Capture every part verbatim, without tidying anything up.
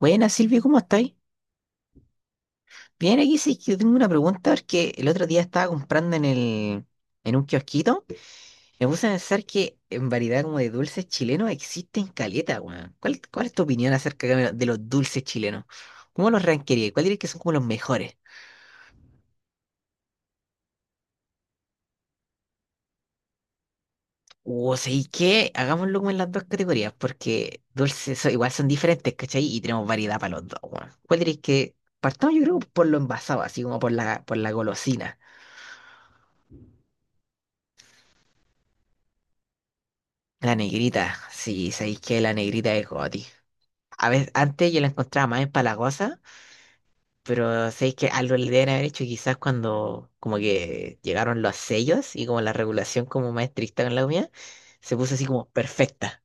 Buenas, Silvio, ¿cómo estáis? Bien, aquí sí que tengo una pregunta porque el otro día estaba comprando en el, en un kiosquito. Me puse a pensar que en variedad como de dulces chilenos existen caleta, weón. ¿Cuál, cuál es tu opinión acerca de de los dulces chilenos? ¿Cómo los ranquerías? ¿Cuál dirías que son como los mejores? O sea, ¿y qué? Hagámoslo como en las dos categorías, porque dulces son- igual son diferentes, ¿cachai? Y tenemos variedad para los dos, weón. ¿Cuál dirías que partamos, yo creo, por lo envasado, así como por la, por la golosina? La negrita, sí, sabéis que la negrita es goti. A veces, antes yo la encontraba más empalagosa, pero sabéis que algo le deben haber hecho quizás cuando como que llegaron los sellos y como la regulación como más estricta con la comida, se puso así como perfecta.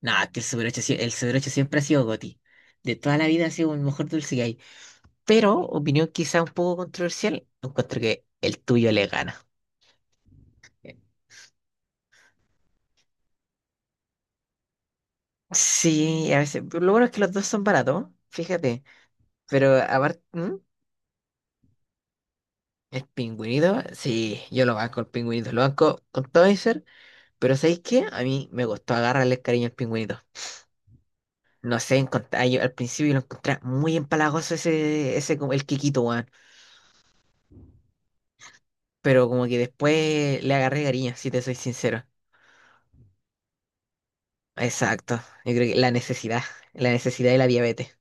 No, es que el Super ocho, sie- el Super ocho siempre ha sido goti. De toda la vida ha sido el mejor dulce que hay. Pero, opinión quizás un poco controversial, encuentro que el tuyo le gana. Sí, a veces, pero lo bueno es que los dos son baratos, fíjate. Pero aparte. El pingüinito, sí, yo lo banco, el pingüinito, lo banco con todo mi ser, pero ¿sabéis qué? A mí me costó agarrarle el cariño al pingüinito. No sé, encontrar, yo al principio lo encontré muy empalagoso ese, ese como el Kikito, weón. Pero como que después le agarré cariño, si te soy sincero. Exacto, yo creo que la necesidad, la necesidad y la diabetes.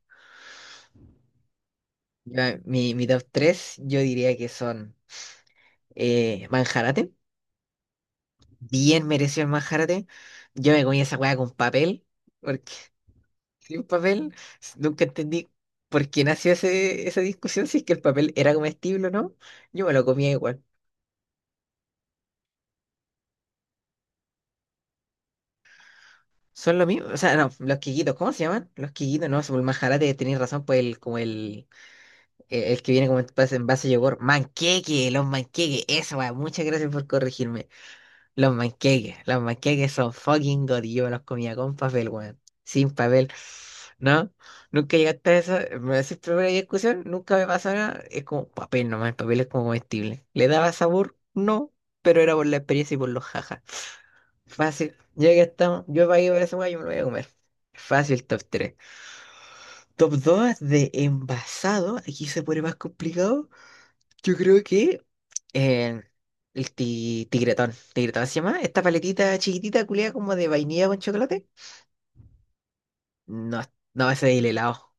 Yo, mi, mi top tres yo diría que son eh, Manjarate, bien mereció el Manjarate. Yo me comí esa weá con papel, porque sí, un papel, s- nunca entendí por qué nació ese, esa discusión, si es que el papel era comestible o no. Yo me lo comía igual. Son lo mismo, o sea, no, los quiquitos, ¿cómo se llaman? Los quiquitos, no, el majarate, tenéis razón, pues el, como el, el, el que viene como en envase en base de yogur. Manqueque, los manqueques, eso, va, muchas gracias por corregirme. Los panqueques, los panqueques son fucking god y yo me los comía con papel, weón. Sin papel. ¿No? Nunca llegaste a eso. Me decís primera discusión, nunca me pasó nada. Es como papel nomás, el papel es como comestible. ¿Le daba sabor? No, pero era por la experiencia y por los jajas. Fácil. Ya que estamos, yo para ir por esa weá, yo me lo voy a comer. Fácil, top tres. Top dos de envasado. Aquí se pone más complicado. Yo creo que eh, el ti- tigretón. ¿Tigretón se llama? Esta paletita chiquitita, culiada como de vainilla con chocolate. No, no, ese es el helado.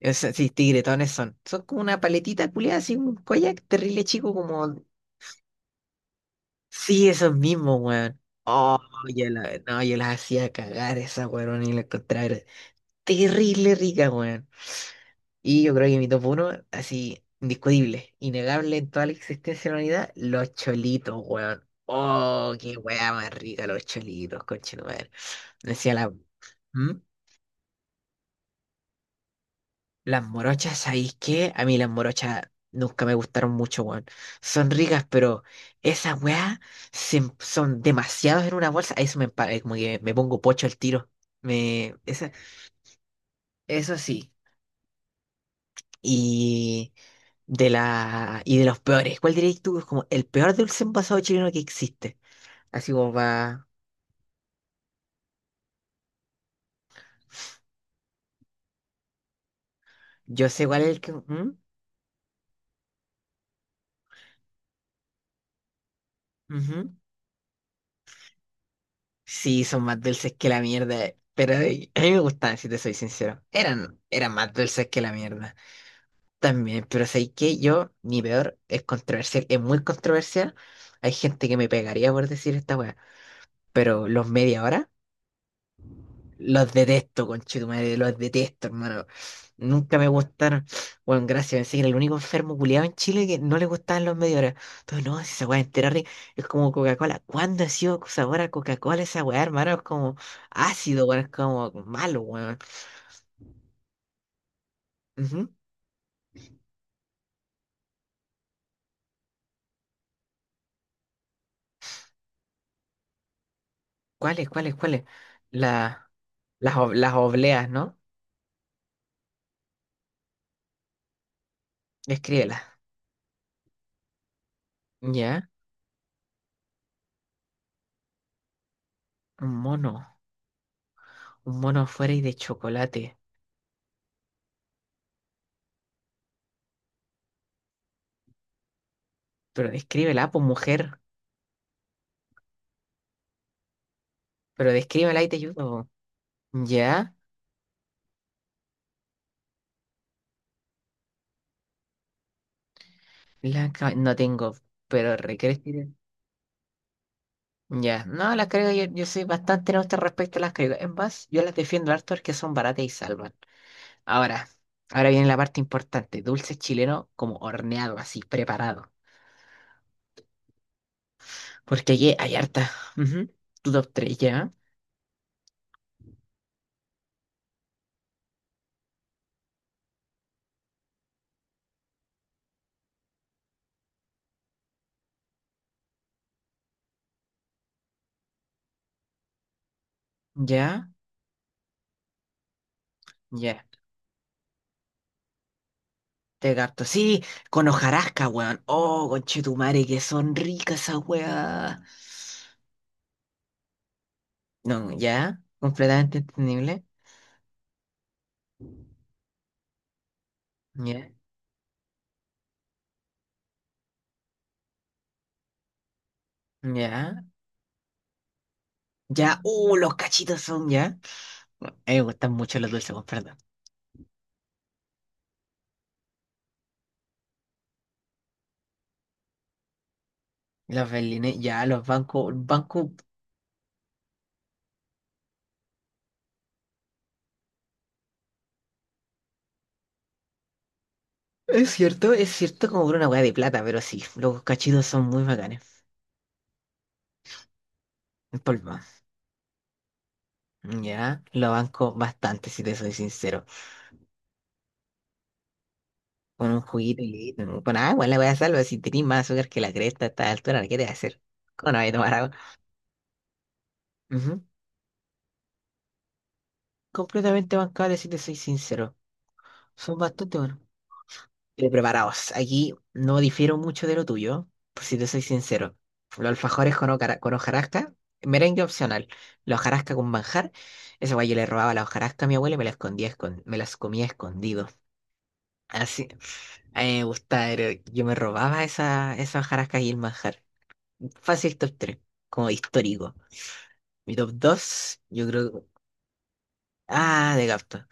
Ese- sí, tigretones son. Son como una paletita culiada, así un koyak terrible chico, como. Sí, esos mismos, weón. Oh, yo, la- no, yo las hacía cagar esas, weón, y la encontraba. Terrible rica, weón. Y yo creo que mi top uno así, indiscutible, innegable en toda la existencia de la humanidad, los cholitos, weón. Oh, qué weá más rica los cholitos, conchetumadre. Decía la. ¿Mm? Las morochas, ¿sabéis qué? A mí las morochas nunca me gustaron mucho, weón. Son ricas, pero esas weas se- son demasiados en una bolsa. Eso me empaga, como que me pongo pocho al tiro. Me, esa, eso sí. y De la... Y de los peores. ¿Cuál dirías tú que es como el peor dulce envasado chileno que existe? Así como va... Yo sé cuál es el que... ¿Mm? Ujú. Sí, son más dulces que la mierda. Pero eh, a mí me gustaban, si te soy sincero. Eran, eran más dulces que la mierda. También, pero sé que yo, mi peor, es controversial. Es muy controversial. Hay gente que me pegaría por decir esta weá. Pero los media hora. Los detesto, conchetumadre, los detesto, hermano. Nunca me gustaron. Bueno, gracias, pensé que era el único enfermo culiado en Chile que no le gustaban los media hora. Entonces, no, si esa weá entera rica es como Coca-Cola. ¿Cuándo ha sido sabor a Coca-Cola esa weá, hermano? Es como ácido, weón, es como malo, weón. Ujú. ¿Cuáles, cuáles, cuáles? La, las, ob- las obleas, ¿no? Escríbelas. Ya, un mono. Un mono afuera y de chocolate. Pero descríbela, pues mujer. Pero descríbela y te ayudo. Ya. La ca- no tengo, pero requieres. Ya, no, las creo, yo, yo soy bastante neutra respecto a las creo. En base, yo las defiendo harto porque son baratas y salvan. Ahora, ahora viene la parte importante, dulce chileno como horneado, así, preparado. Porque aquí hay harta. Ujú. Tu top tres, ya, ya, ya. Te gato sí, con hojarasca, weón. Oh, conchetumare, que son ricas esas weas. No, ya, completamente entendible. Ya, ya. Ya, uh, los cachitos son ya. A mí me gustan mucho los dulces con perdón. Los berlines, ya, los bancos, banco. Es cierto, es cierto como por una hueá de plata, pero sí, los cachitos son muy bacanes. En polvo. Ya, lo banco bastante, si te soy sincero. Con un juguito y le- con agua, la voy a salvar. Si tenés más azúcar que la cresta a esta altura, ¿qué te va a hacer? ¿Cómo no voy a tomar agua? Ujú. Completamente bancable, si te soy sincero. Son bastante buenos. Eh, preparaos, aquí no difiero mucho de lo tuyo, por si te soy sincero. Los alfajores con, hocara- con hojarasca, merengue opcional. La hojarasca con manjar, esa guay yo le robaba la hojarasca a mi abuela y me la escondía, escon- me las comía escondido. Así, a mí me gusta, era- yo me robaba esa, esa hojarasca y el manjar. Fácil top tres como histórico. Mi top dos yo creo. Ah, de gato.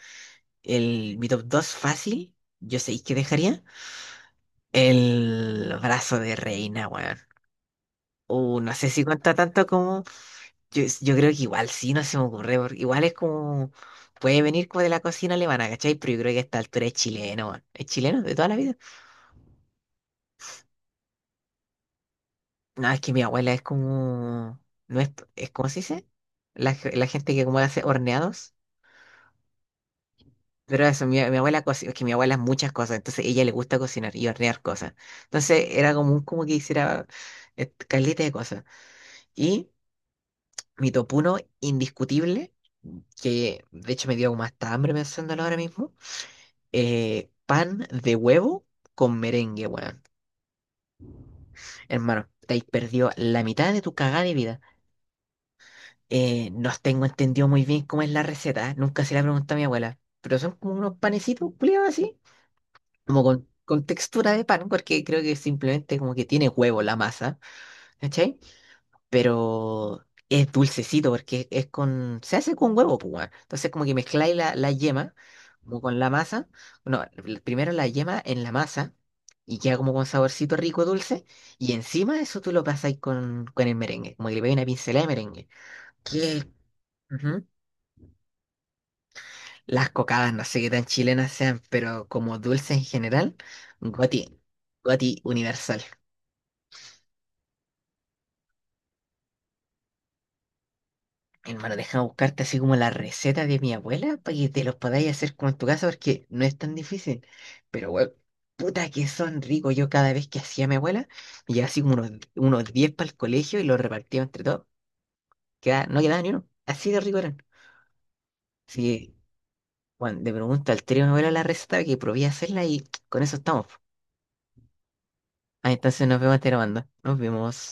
El, mi top dos fácil, yo sé que dejaría. El brazo de reina, weón. O no sé si cuenta tanto como. Yo, yo creo que igual sí, no se me ocurre. Porque igual es como. Puede venir como de la cocina alemana, ¿cachai? Pero yo creo que a esta altura es chileno, weón. Es chileno de toda la vida. No, es que mi abuela es como. No es, es ¿cómo se dice? La, ge- la gente que como hace horneados. Pero eso, mi, mi abuela cocina, es que mi abuela es muchas cosas, entonces ella le gusta cocinar y hornear cosas. Entonces era común como que hiciera eh, caleta de cosas. Y mi topuno indiscutible, que de hecho me dio como hasta hambre pensándolo ahora mismo. eh, pan de huevo con merengue, weón. Hermano, te has perdido la mitad de tu cagada de vida. Eh, no tengo entendido muy bien cómo es la receta, ¿eh? Nunca se la preguntado a mi abuela, pero son como unos panecitos culiados así, como con, con textura de pan, porque creo que simplemente como que tiene huevo la masa, ¿cachai? Pero es dulcecito porque es con, se hace con huevo, pues, weón. Entonces como que mezcláis la, la yema como con la masa, bueno, l- primero la yema en la masa y queda como con saborcito rico dulce y encima eso tú lo pasáis con, con el merengue, como que le pegáis una pincelada de merengue. Que ujú. Las cocadas, no sé qué tan chilenas sean, pero como dulce en general, goti, goti universal. Hermano, déjame buscarte así como la receta de mi abuela para que te los podáis hacer como en tu casa porque no es tan difícil. Pero, weón, puta que son ricos. Yo cada vez que hacía mi abuela, me llevaba así como unos, unos diez para el colegio y los repartía entre todos. Quedaba- no quedaba ni uno. Así de rico eran. Así bueno, le pregunto al trío de mi abuela la receta que probé a hacerla y con eso estamos. Ah, entonces nos vemos, te lo mando. Nos vemos.